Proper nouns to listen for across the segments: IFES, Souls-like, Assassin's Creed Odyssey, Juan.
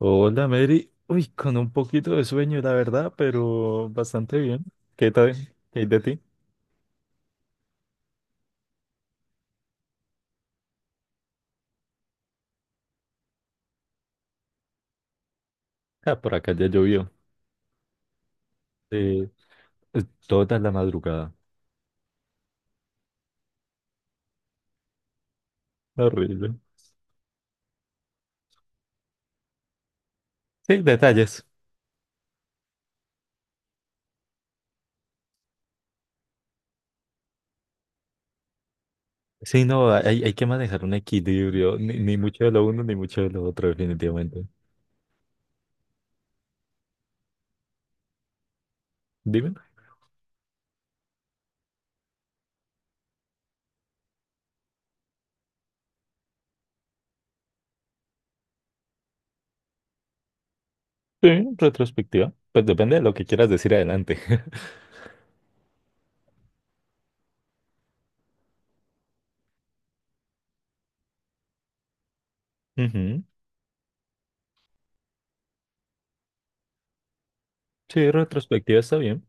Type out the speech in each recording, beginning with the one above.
Hola, Mary. Uy, con un poquito de sueño, la verdad, pero bastante bien. ¿Qué tal? ¿Qué hay de ti? Ah, por acá ya llovió. Eh, eh, toda la madrugada. Horrible. Sí, detalles. Sí, no, hay que manejar un equilibrio. Ni mucho de lo uno, ni mucho de lo otro, definitivamente. Dime. Sí, retrospectiva. Pues depende de lo que quieras decir adelante. Ujú. Sí, retrospectiva está bien.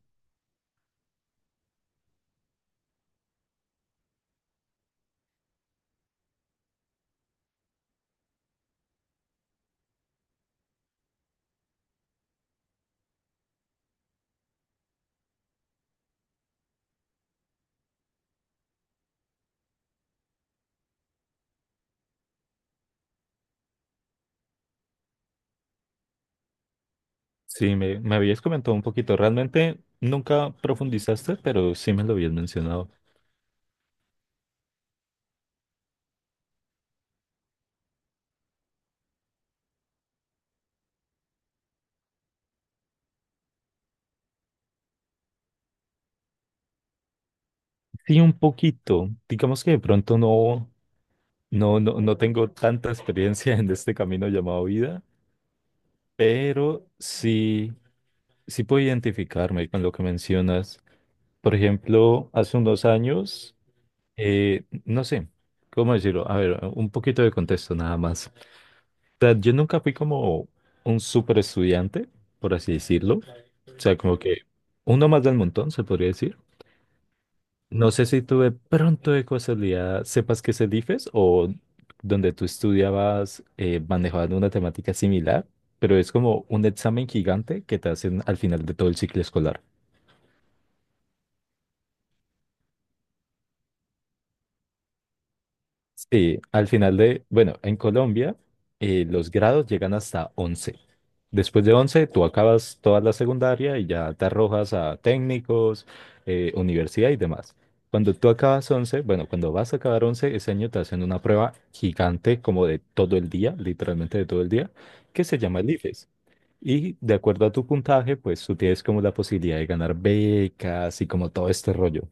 Sí, me habías comentado un poquito. Realmente nunca profundizaste, pero sí me lo habías mencionado. Sí, un poquito. Digamos que de pronto no, no, no, no tengo tanta experiencia en este camino llamado vida, pero sí, sí puedo identificarme con lo que mencionas. Por ejemplo, hace unos años, no sé, ¿cómo decirlo? A ver, un poquito de contexto nada más. O sea, yo nunca fui como un super estudiante, por así decirlo. O sea, como que uno más del montón, se podría decir. No sé si tú de pronto de casualidad sepas qué es el IFES, o donde tú estudiabas manejaban una temática similar, pero es como un examen gigante que te hacen al final de todo el ciclo escolar. Sí, al final de, bueno, en Colombia los grados llegan hasta 11. Después de 11, tú acabas toda la secundaria y ya te arrojas a técnicos, universidad y demás. Cuando tú acabas 11, bueno, cuando vas a acabar 11, ese año te hacen una prueba gigante como de todo el día, literalmente de todo el día, que se llama el IFES. Y de acuerdo a tu puntaje, pues tú tienes como la posibilidad de ganar becas y como todo este rollo.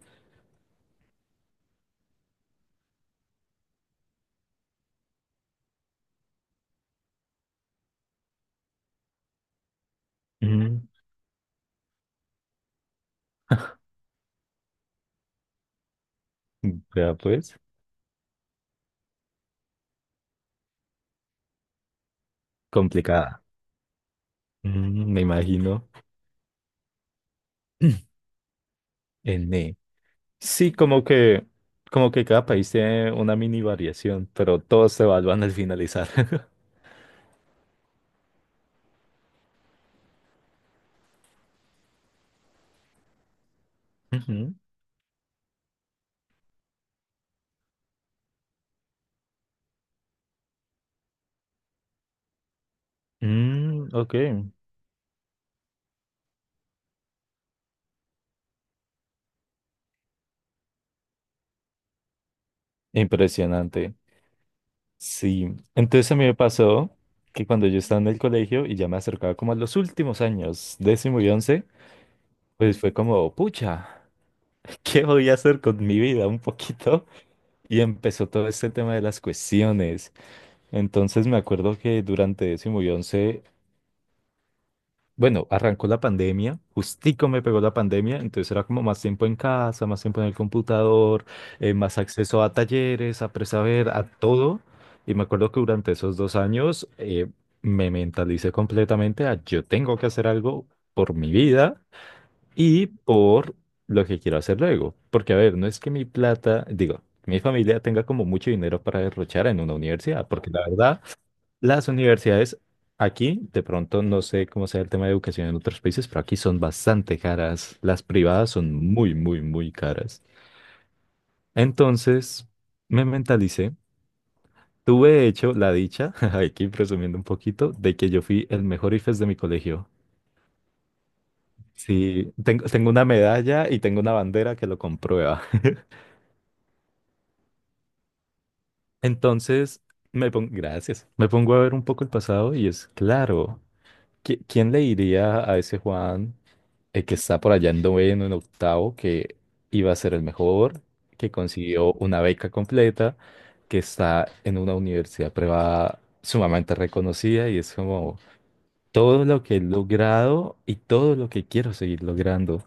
Mm, ya pues, complicada. Mm, me imagino. En E. Sí, como que cada país tiene una mini variación, pero todos se evalúan al finalizar. Ujú. Mm, ok. Impresionante. Sí. Entonces a mí me pasó que cuando yo estaba en el colegio y ya me acercaba como a los últimos años, décimo y 11, pues fue como, pucha, ¿qué voy a hacer con mi vida un poquito? Y empezó todo este tema de las cuestiones. Entonces me acuerdo que durante décimo y 11. Bueno, arrancó la pandemia, justico me pegó la pandemia, entonces era como más tiempo en casa, más tiempo en el computador, más acceso a talleres, a presaber, a todo. Y me acuerdo que durante esos 2 años me mentalicé completamente a yo tengo que hacer algo por mi vida y por lo que quiero hacer luego. Porque, a ver, no es que mi plata, digo, mi familia tenga como mucho dinero para derrochar en una universidad, porque la verdad... Las universidades aquí, de pronto no sé cómo sea el tema de educación en otros países, pero aquí son bastante caras. Las privadas son muy, muy, muy caras. Entonces, me mentalicé. Tuve, de hecho, la dicha, aquí presumiendo un poquito, de que yo fui el mejor IFES de mi colegio. Sí, tengo una medalla y tengo una bandera que lo comprueba. Entonces, me pongo, gracias, me pongo a ver un poco el pasado, y es claro, ¿quién le diría a ese Juan, el que está por allá en noveno, en octavo, que iba a ser el mejor, que consiguió una beca completa, que está en una universidad privada sumamente reconocida? Y es como todo lo que he logrado y todo lo que quiero seguir logrando.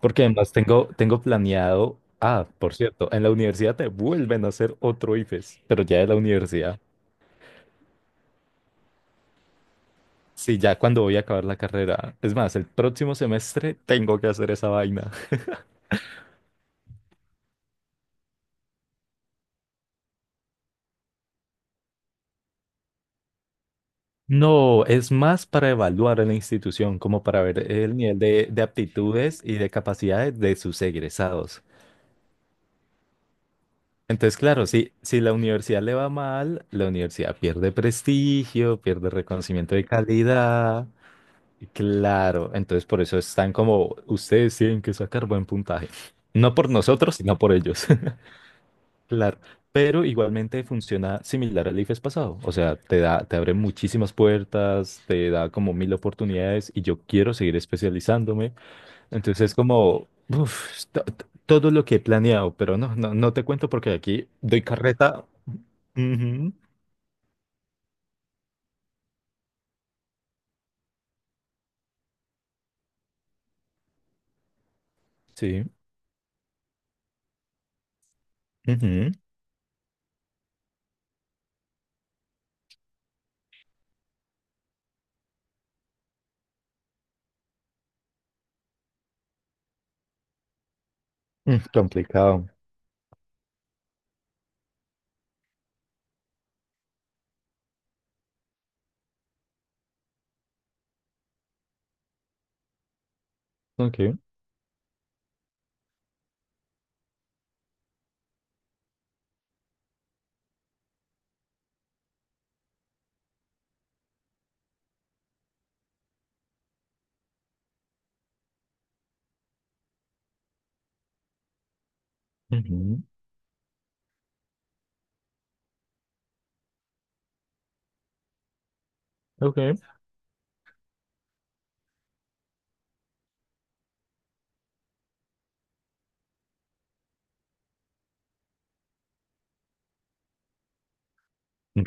Porque además tengo, tengo planeado, ah, por cierto, en la universidad te vuelven a hacer otro IFES, pero ya de la universidad. Sí, ya cuando voy a acabar la carrera. Es más, el próximo semestre tengo que hacer esa vaina. No, es más para evaluar a la institución, como para ver el nivel de aptitudes y de capacidades de sus egresados. Entonces, claro, si, si la universidad le va mal, la universidad pierde prestigio, pierde reconocimiento de calidad. Claro, entonces por eso están como, ustedes tienen que sacar buen puntaje. No por nosotros, sino por ellos. Claro, pero igualmente funciona similar al IFES pasado, o sea, te da, te abre muchísimas puertas, te da como mil oportunidades y yo quiero seguir especializándome, entonces es como uf, todo lo que he planeado, pero no, no, no te cuento porque aquí doy carreta. Ujú. Sí, ujú, mm, complicado. Ok, ujú, ok,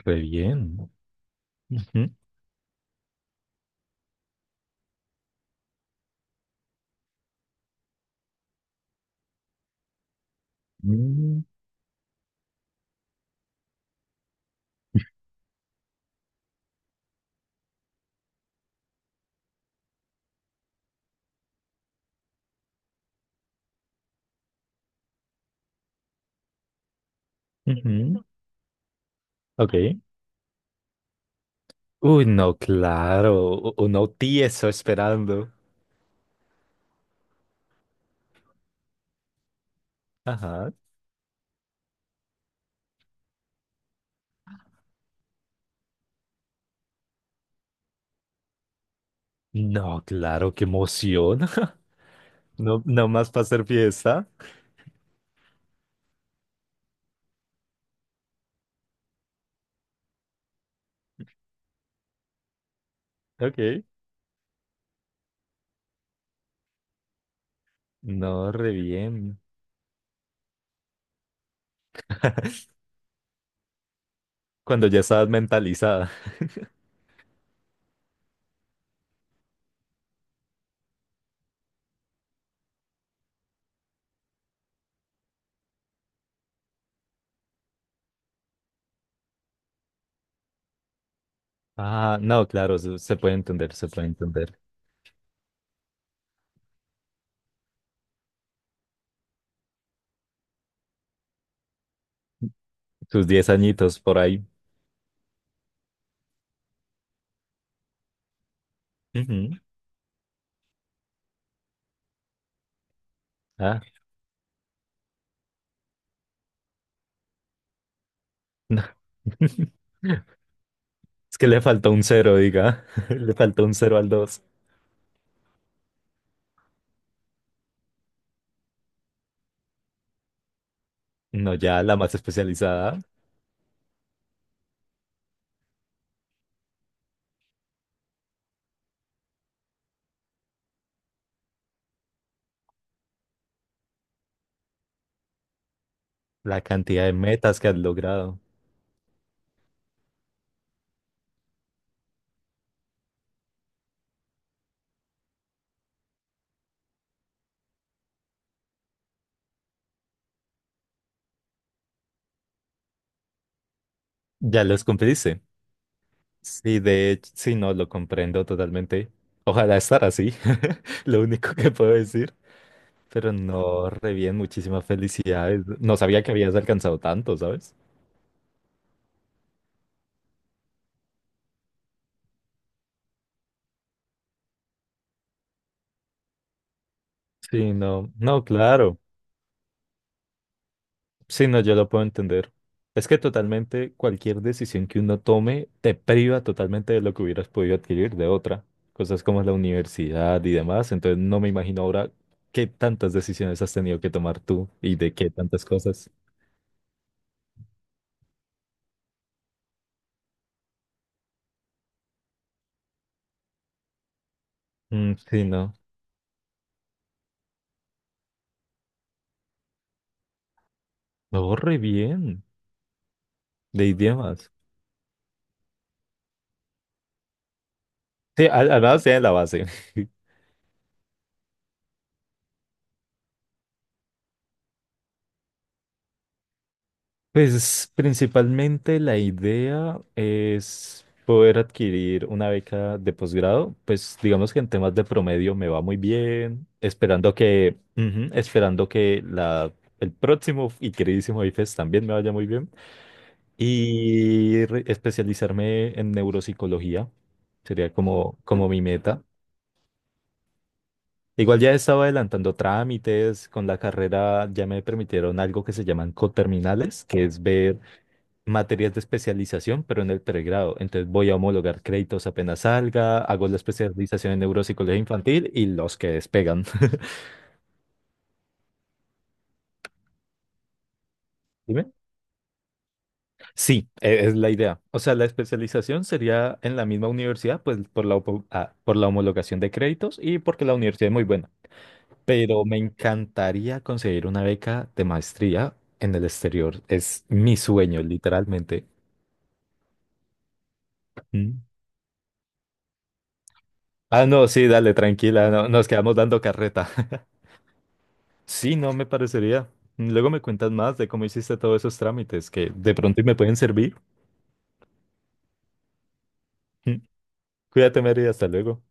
re bien. Ujú, mm, ujú, ok. Uy, no, claro, uno tieso esperando. Ajá. No, claro, qué emoción. No, no más para hacer fiesta. Ok. No, re bien. Cuando ya estabas mentalizada. Ah, no, claro, se puede entender, se puede entender. Tus 10 añitos por ahí. Ujú. Ah, no. Es que le faltó un cero, diga. Le faltó un cero al dos. No, ya la más especializada, la cantidad de metas que has logrado. Ya los cumpliste. Sí, de hecho, sí, no, lo comprendo totalmente. Ojalá estar así, lo único que puedo decir. Pero no, re bien, muchísimas felicidades. No sabía que habías alcanzado tanto, ¿sabes? Sí, no, no, claro. Sí, no, yo lo puedo entender. Es que totalmente cualquier decisión que uno tome te priva totalmente de lo que hubieras podido adquirir de otra. Cosas como la universidad y demás. Entonces no me imagino ahora qué tantas decisiones has tenido que tomar tú y de qué tantas cosas. Mm, sí, no. No, re bien, de idiomas. Sí, al menos tiene la base. Pues principalmente la idea es poder adquirir una beca de posgrado. Pues digamos que en temas de promedio me va muy bien, esperando que, ujú, esperando que la, el próximo y queridísimo IFES también me vaya muy bien. Y especializarme en neuropsicología sería como, como mi meta. Igual ya estaba adelantando trámites. Con la carrera ya me permitieron algo que se llaman coterminales, que es ver materias de especialización, pero en el pregrado. Entonces voy a homologar créditos apenas salga, hago la especialización en neuropsicología infantil y los que despegan. Dime. Sí, es la idea. O sea, la especialización sería en la misma universidad, pues por la, por la homologación de créditos y porque la universidad es muy buena. Pero me encantaría conseguir una beca de maestría en el exterior. Es mi sueño, literalmente. Mm. Ah, no, sí, dale, tranquila, no, nos quedamos dando carreta. Sí, no me parecería. Luego me cuentas más de cómo hiciste todos esos trámites que de pronto me pueden servir. Mm. Cuídate, Mary, hasta luego.